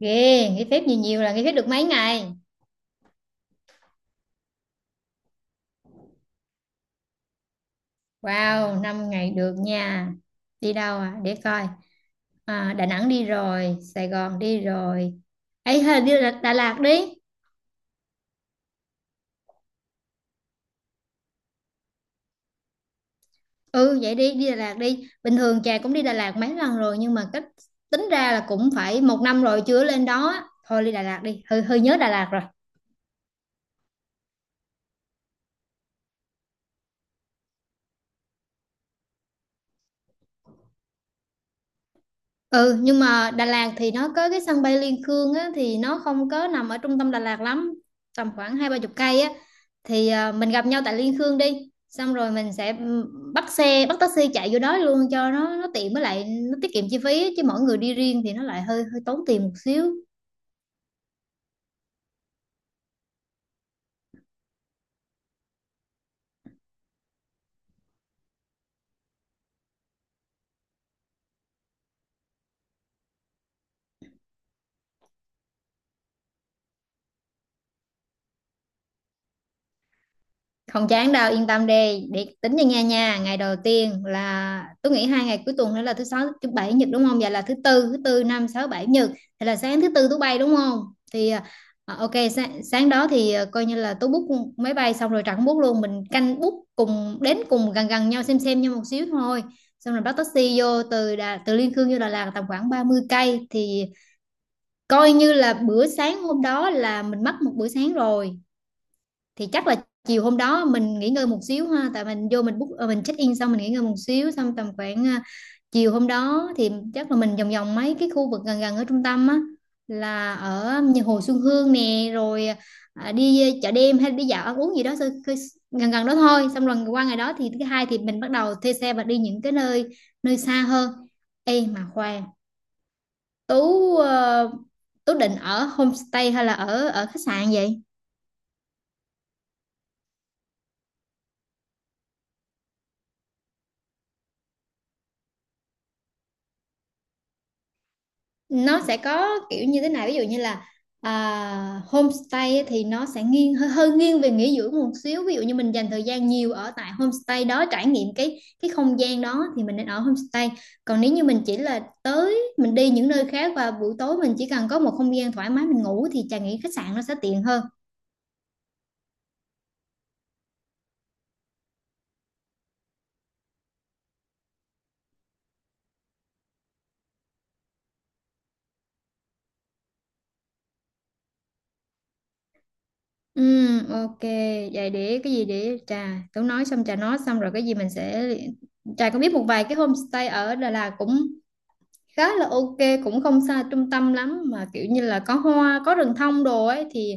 Ghê, nghỉ phép nhiều nhiều là nghỉ phép được mấy ngày? Wow, 5 ngày được nha. Đi đâu à, để coi. Đà Nẵng đi rồi, Sài Gòn đi rồi. Ấy, hay đi Đà Lạt đi. Ừ, vậy đi, đi Đà Lạt đi. Bình thường Trà cũng đi Đà Lạt mấy lần rồi nhưng mà cách, tính ra là cũng phải một năm rồi chưa lên đó. Thôi đi Đà Lạt đi, hơi hơi nhớ Đà Lạt rồi. Ừ, nhưng mà Đà Lạt thì nó có cái sân bay Liên Khương á, thì nó không có nằm ở trung tâm Đà Lạt lắm. Tầm khoảng hai ba chục cây á, thì mình gặp nhau tại Liên Khương, đi xong rồi mình sẽ bắt xe, bắt taxi chạy vô đó luôn cho nó tiện. Với lại nó tiết kiệm chi phí á, chứ mỗi người đi riêng thì nó lại hơi hơi tốn tiền một xíu. Không chán đâu, yên tâm đi, để tính cho nha nha. Ngày đầu tiên, là tôi nghĩ hai ngày cuối tuần nữa là thứ sáu, thứ bảy, nhật đúng không, vậy là thứ tư, thứ tư năm sáu bảy nhật. Thì là sáng thứ tư tôi bay đúng không, thì ok, sáng đó thì coi như là tôi book máy bay, xong rồi Trà cũng book luôn, mình canh book cùng đến, cùng gần gần nhau, xem nhau một xíu thôi. Xong rồi bắt taxi vô từ từ Liên Khương vô Đà Lạt tầm khoảng 30 cây. Thì coi như là bữa sáng hôm đó là mình mất một bữa sáng rồi. Thì chắc là chiều hôm đó mình nghỉ ngơi một xíu ha, tại mình vô mình book mình check in xong mình nghỉ ngơi một xíu, xong tầm khoảng chiều hôm đó thì chắc là mình vòng vòng mấy cái khu vực gần gần ở trung tâm á, là ở nhà Hồ Xuân Hương nè, rồi đi chợ đêm hay đi dạo ăn uống gì đó, gần gần đó thôi. Xong rồi qua ngày đó thì thứ hai thì mình bắt đầu thuê xe và đi những cái nơi nơi xa hơn. Ê mà khoan, Tú Tú định ở homestay hay là ở ở khách sạn vậy? Nó sẽ có kiểu như thế này, ví dụ như là homestay á thì nó sẽ nghiêng hơi nghiêng về nghỉ dưỡng một xíu. Ví dụ như mình dành thời gian nhiều ở tại homestay đó, trải nghiệm cái không gian đó, thì mình nên ở homestay. Còn nếu như mình chỉ là tới mình đi những nơi khác và buổi tối mình chỉ cần có một không gian thoải mái mình ngủ, thì Trà nghĩ khách sạn nó sẽ tiện hơn. Ừ, ok, vậy để cái gì, để Trà tớ nói xong, Trà nói xong rồi cái gì mình sẽ. Trà có biết một vài cái homestay ở Đà Lạt cũng khá là ok, cũng không xa trung tâm lắm mà kiểu như là có hoa có rừng thông đồ ấy, thì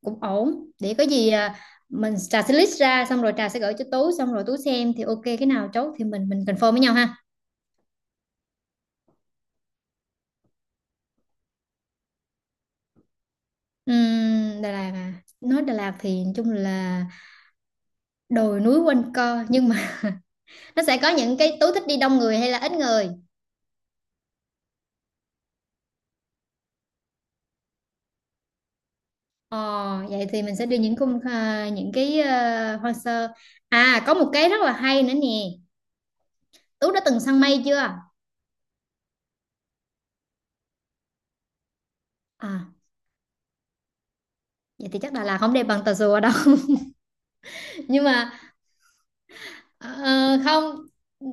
cũng ổn. Để có gì Trà sẽ list ra, xong rồi Trà sẽ gửi cho Tú, xong rồi Tú xem, thì ok cái nào chốt thì mình confirm với nhau ha. Đà Lạt à, nói Đà Lạt thì nói chung là đồi núi quanh co, nhưng mà nó sẽ có những cái, Tú thích đi đông người hay là ít người? Ờ, vậy thì mình sẽ đi những những cái hoang sơ. À, có một cái rất là hay nữa nè, Tú đã từng săn mây chưa? À, vậy thì chắc Đà Lạt không đẹp bằng Tà Rùa đâu. Nhưng mà Ờ, không,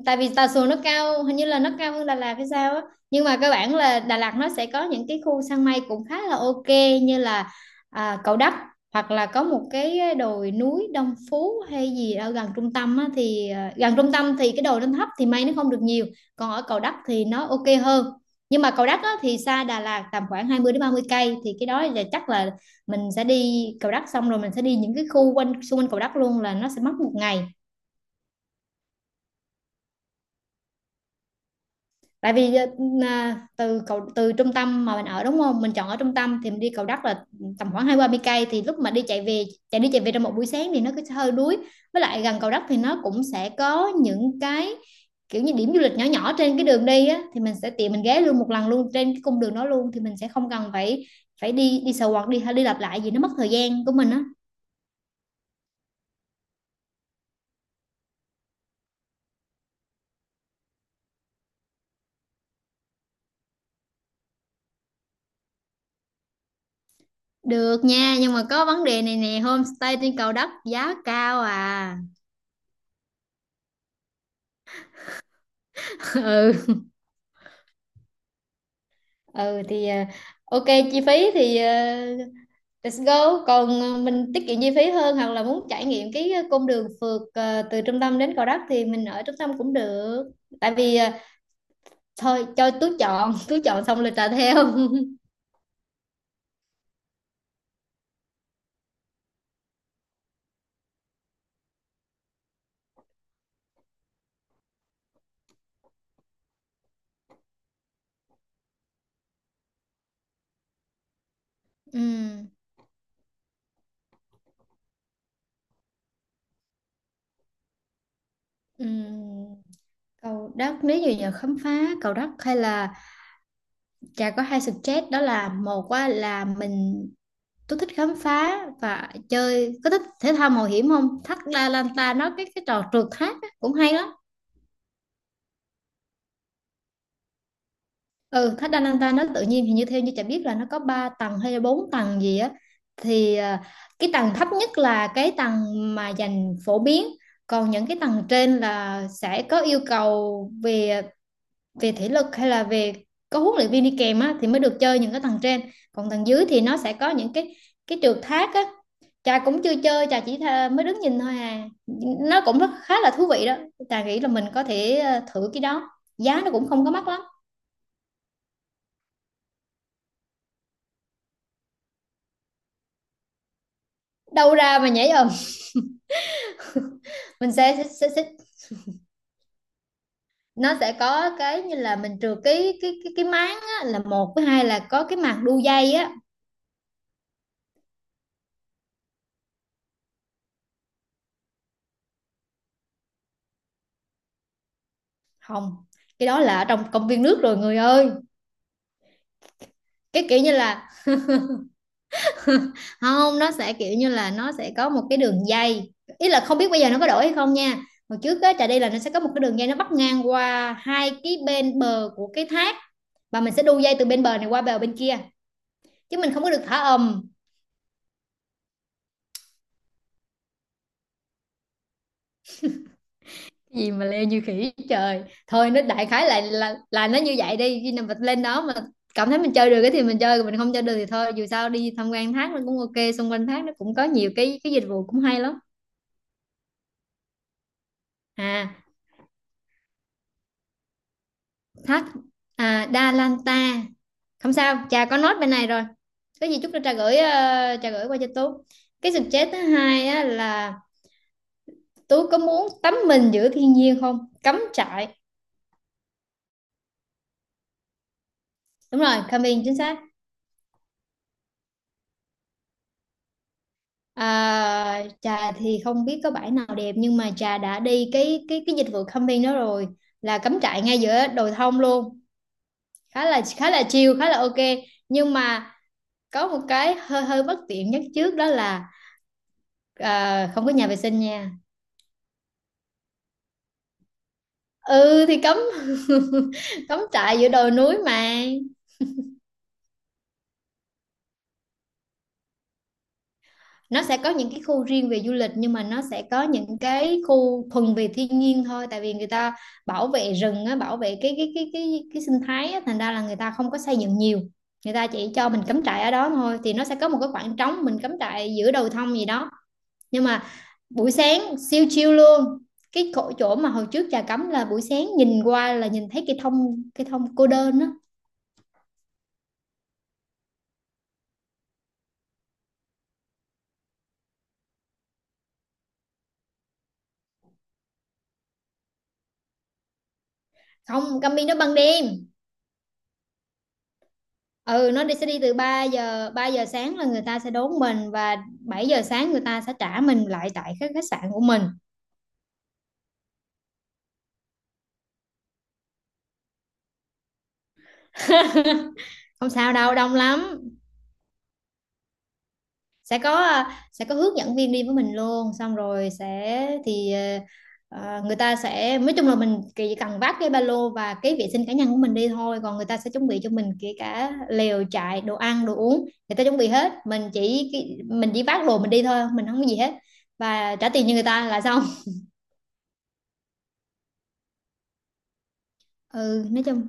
tại vì Tà Xùa nó cao, hình như là nó cao hơn Đà Lạt hay sao á. Nhưng mà cơ bản là Đà Lạt nó sẽ có những cái khu săn mây cũng khá là ok, như là Cầu Đất, hoặc là có một cái đồi núi Đông Phú hay gì ở gần trung tâm á. Thì gần trung tâm thì cái đồi nó thấp thì mây nó không được nhiều, còn ở Cầu Đất thì nó ok hơn. Nhưng mà Cầu Đất á, thì xa Đà Lạt tầm khoảng 20 đến 30 cây, thì cái đó là chắc là mình sẽ đi Cầu Đất, xong rồi mình sẽ đi những cái khu quanh xung quanh Cầu Đất luôn, là nó sẽ mất một ngày. Tại vì từ từ trung tâm mà mình ở đúng không, mình chọn ở trung tâm thì mình đi Cầu Đất là tầm khoảng hai ba mươi cây, thì lúc mà đi chạy về, chạy đi chạy về trong một buổi sáng thì nó cứ hơi đuối. Với lại gần Cầu Đất thì nó cũng sẽ có những cái kiểu như điểm du lịch nhỏ nhỏ trên cái đường đi á, thì mình sẽ tiện mình ghé luôn một lần luôn trên cái cung đường đó luôn, thì mình sẽ không cần phải phải đi đi sờ quạt, đi đi lặp lại gì, nó mất thời gian của mình á. Được nha, nhưng mà có vấn đề này nè, homestay trên Cầu Đất giá cao à. ừ ừ thì ok, chi phí thì let's go. Còn mình tiết kiệm chi phí hơn, hoặc là muốn trải nghiệm cái cung đường phượt từ trung tâm đến Gò Đất thì mình ở trung tâm cũng được. Tại vì thôi cho Tú chọn, Tú chọn xong là trả theo. ừ, ừ. Cầu Đất nếu như giờ khám phá Cầu Đất, hay là Trà có hai suggest. Đó là một á, là mình, Tú thích khám phá và chơi, có thích thể thao mạo hiểm không? Thác La Lanta, nó cái trò trượt thác á, cũng hay lắm. Ừ, thách Ananta nó tự nhiên, thì như theo như chả biết là nó có 3 tầng hay là 4 tầng gì á. Thì cái tầng thấp nhất là cái tầng mà dành phổ biến, còn những cái tầng trên là sẽ có yêu cầu về về thể lực, hay là về có huấn luyện viên đi kèm á, thì mới được chơi những cái tầng trên. Còn tầng dưới thì nó sẽ có những cái trượt thác á. Trà cũng chưa chơi, Trà chỉ mới đứng nhìn thôi à, nó cũng rất khá là thú vị đó. Trà nghĩ là mình có thể thử cái đó, giá nó cũng không có mắc lắm. Đâu ra mà nhảy ầm. Mình sẽ, nó sẽ có cái như là mình trừ cái máng á, là một với hai là có cái màng đu dây á. Không, cái đó là ở trong công viên nước rồi người ơi. Cái kiểu như là, không, nó sẽ kiểu như là nó sẽ có một cái đường dây. Ý là không biết bây giờ nó có đổi hay không nha, hồi trước á Trà đi là nó sẽ có một cái đường dây, nó bắc ngang qua hai cái bên bờ của cái thác, và mình sẽ đu dây từ bên bờ này qua bờ bên kia, chứ mình không có được thả ầm. Cái gì mà leo như khỉ trời, thôi nó đại khái là nó như vậy đi, khi nào mình lên đó mà cảm thấy mình chơi được cái thì mình chơi, còn mình không chơi được thì thôi, dù sao đi tham quan thác nó cũng ok, xung quanh thác nó cũng có nhiều cái dịch vụ cũng hay lắm. À, thác Đa Lan Ta, không sao Trà có note bên này rồi. Có gì chút nữa Trà gửi, Trà gửi qua cho Tú. Cái suggest thứ hai á, là Tú có muốn tắm mình giữa thiên nhiên không, cắm trại? Đúng rồi, camping chính xác. À, Trà thì không biết có bãi nào đẹp, nhưng mà Trà đã đi cái dịch vụ camping đó rồi, là cắm trại ngay giữa đồi thông luôn, khá là chill, khá là ok. Nhưng mà có một cái hơi hơi bất tiện nhất trước đó là không có nhà vệ sinh nha. Ừ thì cắm trại giữa đồi núi mà. Nó sẽ có những cái khu riêng về du lịch, nhưng mà nó sẽ có những cái khu thuần về thiên nhiên thôi. Tại vì người ta bảo vệ rừng á, bảo vệ cái sinh thái á, thành ra là người ta không có xây dựng nhiều, người ta chỉ cho mình cắm trại ở đó thôi. Thì nó sẽ có một cái khoảng trống mình cắm trại giữa đồi thông gì đó, nhưng mà buổi sáng siêu chill luôn. Cái chỗ chỗ mà hồi trước trà cắm là buổi sáng nhìn qua là nhìn thấy cây thông cô đơn á. Không, Cami nó ban đêm. Ừ, nó đi sẽ đi từ ba giờ sáng là người ta sẽ đón mình, và 7 giờ sáng người ta sẽ trả mình lại tại khách khách sạn của mình. Không sao đâu, đông lắm. Sẽ có hướng dẫn viên đi với mình luôn, xong rồi sẽ thì người ta sẽ, nói chung là mình chỉ cần vác cái ba lô và cái vệ sinh cá nhân của mình đi thôi, còn người ta sẽ chuẩn bị cho mình kể cả lều trại, đồ ăn, đồ uống. Người ta chuẩn bị hết, mình chỉ vác đồ mình đi thôi, mình không có gì hết, và trả tiền cho người ta là xong. ừ nói chung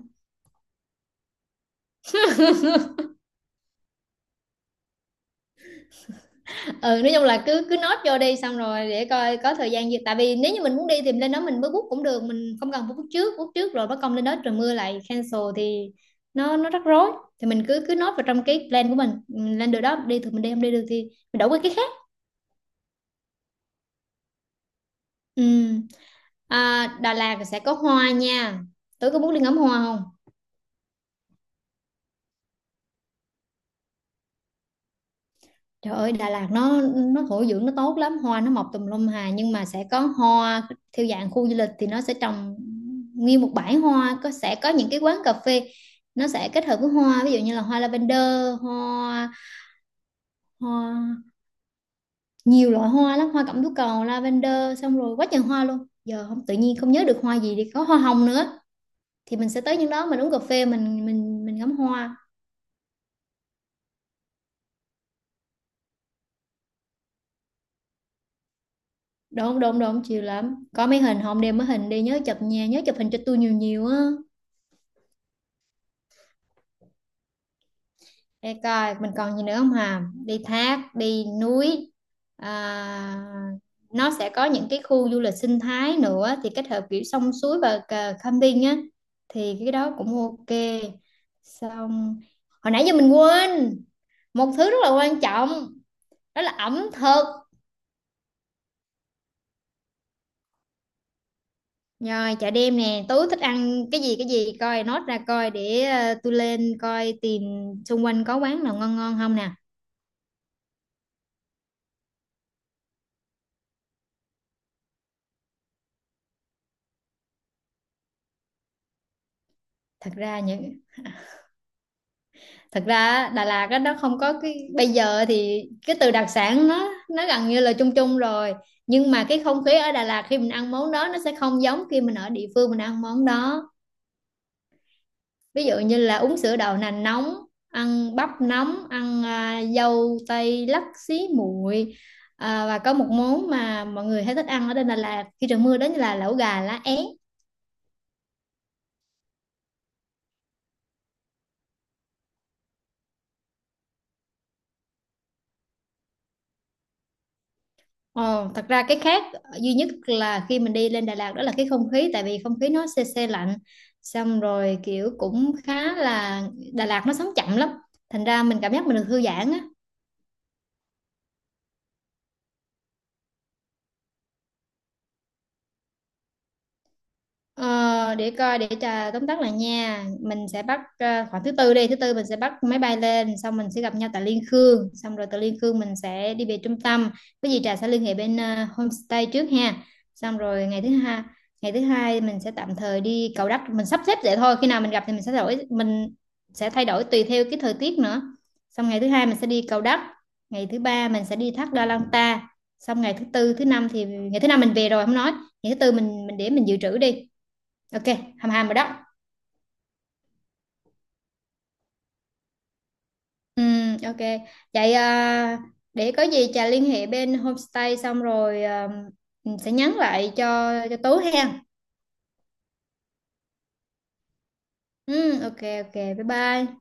ừ nói chung là cứ cứ nốt vô đi, xong rồi để coi có thời gian gì, tại vì nếu như mình muốn đi thì lên đó mình mới book cũng được, mình không cần phải book trước rồi bắt công lên đó trời mưa lại cancel thì nó rắc rối. Thì mình cứ cứ nốt vào trong cái plan của mình. Ừ, lên được đó đi thì mình đi, không đi được thì mình đổi qua cái khác. Ừ. Đà Lạt sẽ có hoa nha, tối có muốn đi ngắm hoa không? Trời ơi, Đà Lạt nó thổ dưỡng nó tốt lắm, hoa nó mọc tùm lum hà, nhưng mà sẽ có hoa theo dạng khu du lịch thì nó sẽ trồng nguyên một bãi hoa, có sẽ có những cái quán cà phê nó sẽ kết hợp với hoa, ví dụ như là hoa lavender, hoa hoa nhiều loại hoa lắm, hoa cẩm tú cầu, lavender, xong rồi quá trời hoa luôn. Giờ không tự nhiên không nhớ được hoa gì, thì có hoa hồng nữa. Thì mình sẽ tới những đó mình uống cà phê, mình ngắm hoa. Độn độn độn chiều lắm. Có mấy hình hôm đem mấy hình đi nhớ chụp nha, nhớ chụp hình cho tôi nhiều nhiều á. Để coi mình còn gì nữa không hà, đi thác đi núi, à, nó sẽ có những cái khu du lịch sinh thái nữa thì kết hợp kiểu sông suối và cờ- camping á, thì cái đó cũng ok. Xong, hồi nãy giờ mình quên một thứ rất là quan trọng, đó là ẩm thực. Rồi, chợ đêm nè, tối thích ăn cái gì coi nốt ra coi để tôi lên coi tìm xung quanh có quán nào ngon ngon không nè. thật ra những thật ra á, Đà Lạt á, nó không có cái bây giờ thì cái từ đặc sản nó gần như là chung chung rồi, nhưng mà cái không khí ở Đà Lạt khi mình ăn món đó nó sẽ không giống khi mình ở địa phương mình ăn món đó. Ví dụ như là uống sữa đậu nành nóng, ăn bắp nóng, ăn dâu tây lắc xí muội, và có một món mà mọi người hay thích ăn ở trên Đà Lạt khi trời mưa, đó là lẩu gà lá é. Ồ, thật ra cái khác duy nhất là khi mình đi lên Đà Lạt đó là cái không khí, tại vì không khí nó se se lạnh, xong rồi kiểu cũng khá là, Đà Lạt nó sống chậm lắm, thành ra mình cảm giác mình được thư giãn á. Ờ, để coi để trà tóm tắt lại nha, mình sẽ bắt khoảng thứ tư mình sẽ bắt máy bay lên, xong mình sẽ gặp nhau tại Liên Khương, xong rồi từ Liên Khương mình sẽ đi về trung tâm. Cái gì trà sẽ liên hệ bên homestay trước ha. Xong rồi ngày thứ hai mình sẽ tạm thời đi Cầu Đất, mình sắp xếp vậy thôi, khi nào mình gặp thì mình sẽ thay đổi, mình sẽ thay đổi tùy theo cái thời tiết nữa. Xong ngày thứ hai mình sẽ đi Cầu Đất, ngày thứ ba mình sẽ đi thác Đa Lan Ta, xong ngày thứ tư thứ năm, thì ngày thứ năm mình về rồi không nói, ngày thứ tư mình để mình dự trữ đi. Ok, hầm hầm rồi đó. Ok. Vậy để có gì Trà liên hệ bên homestay xong rồi sẽ nhắn lại cho Tú hen. Ok ok. Bye bye.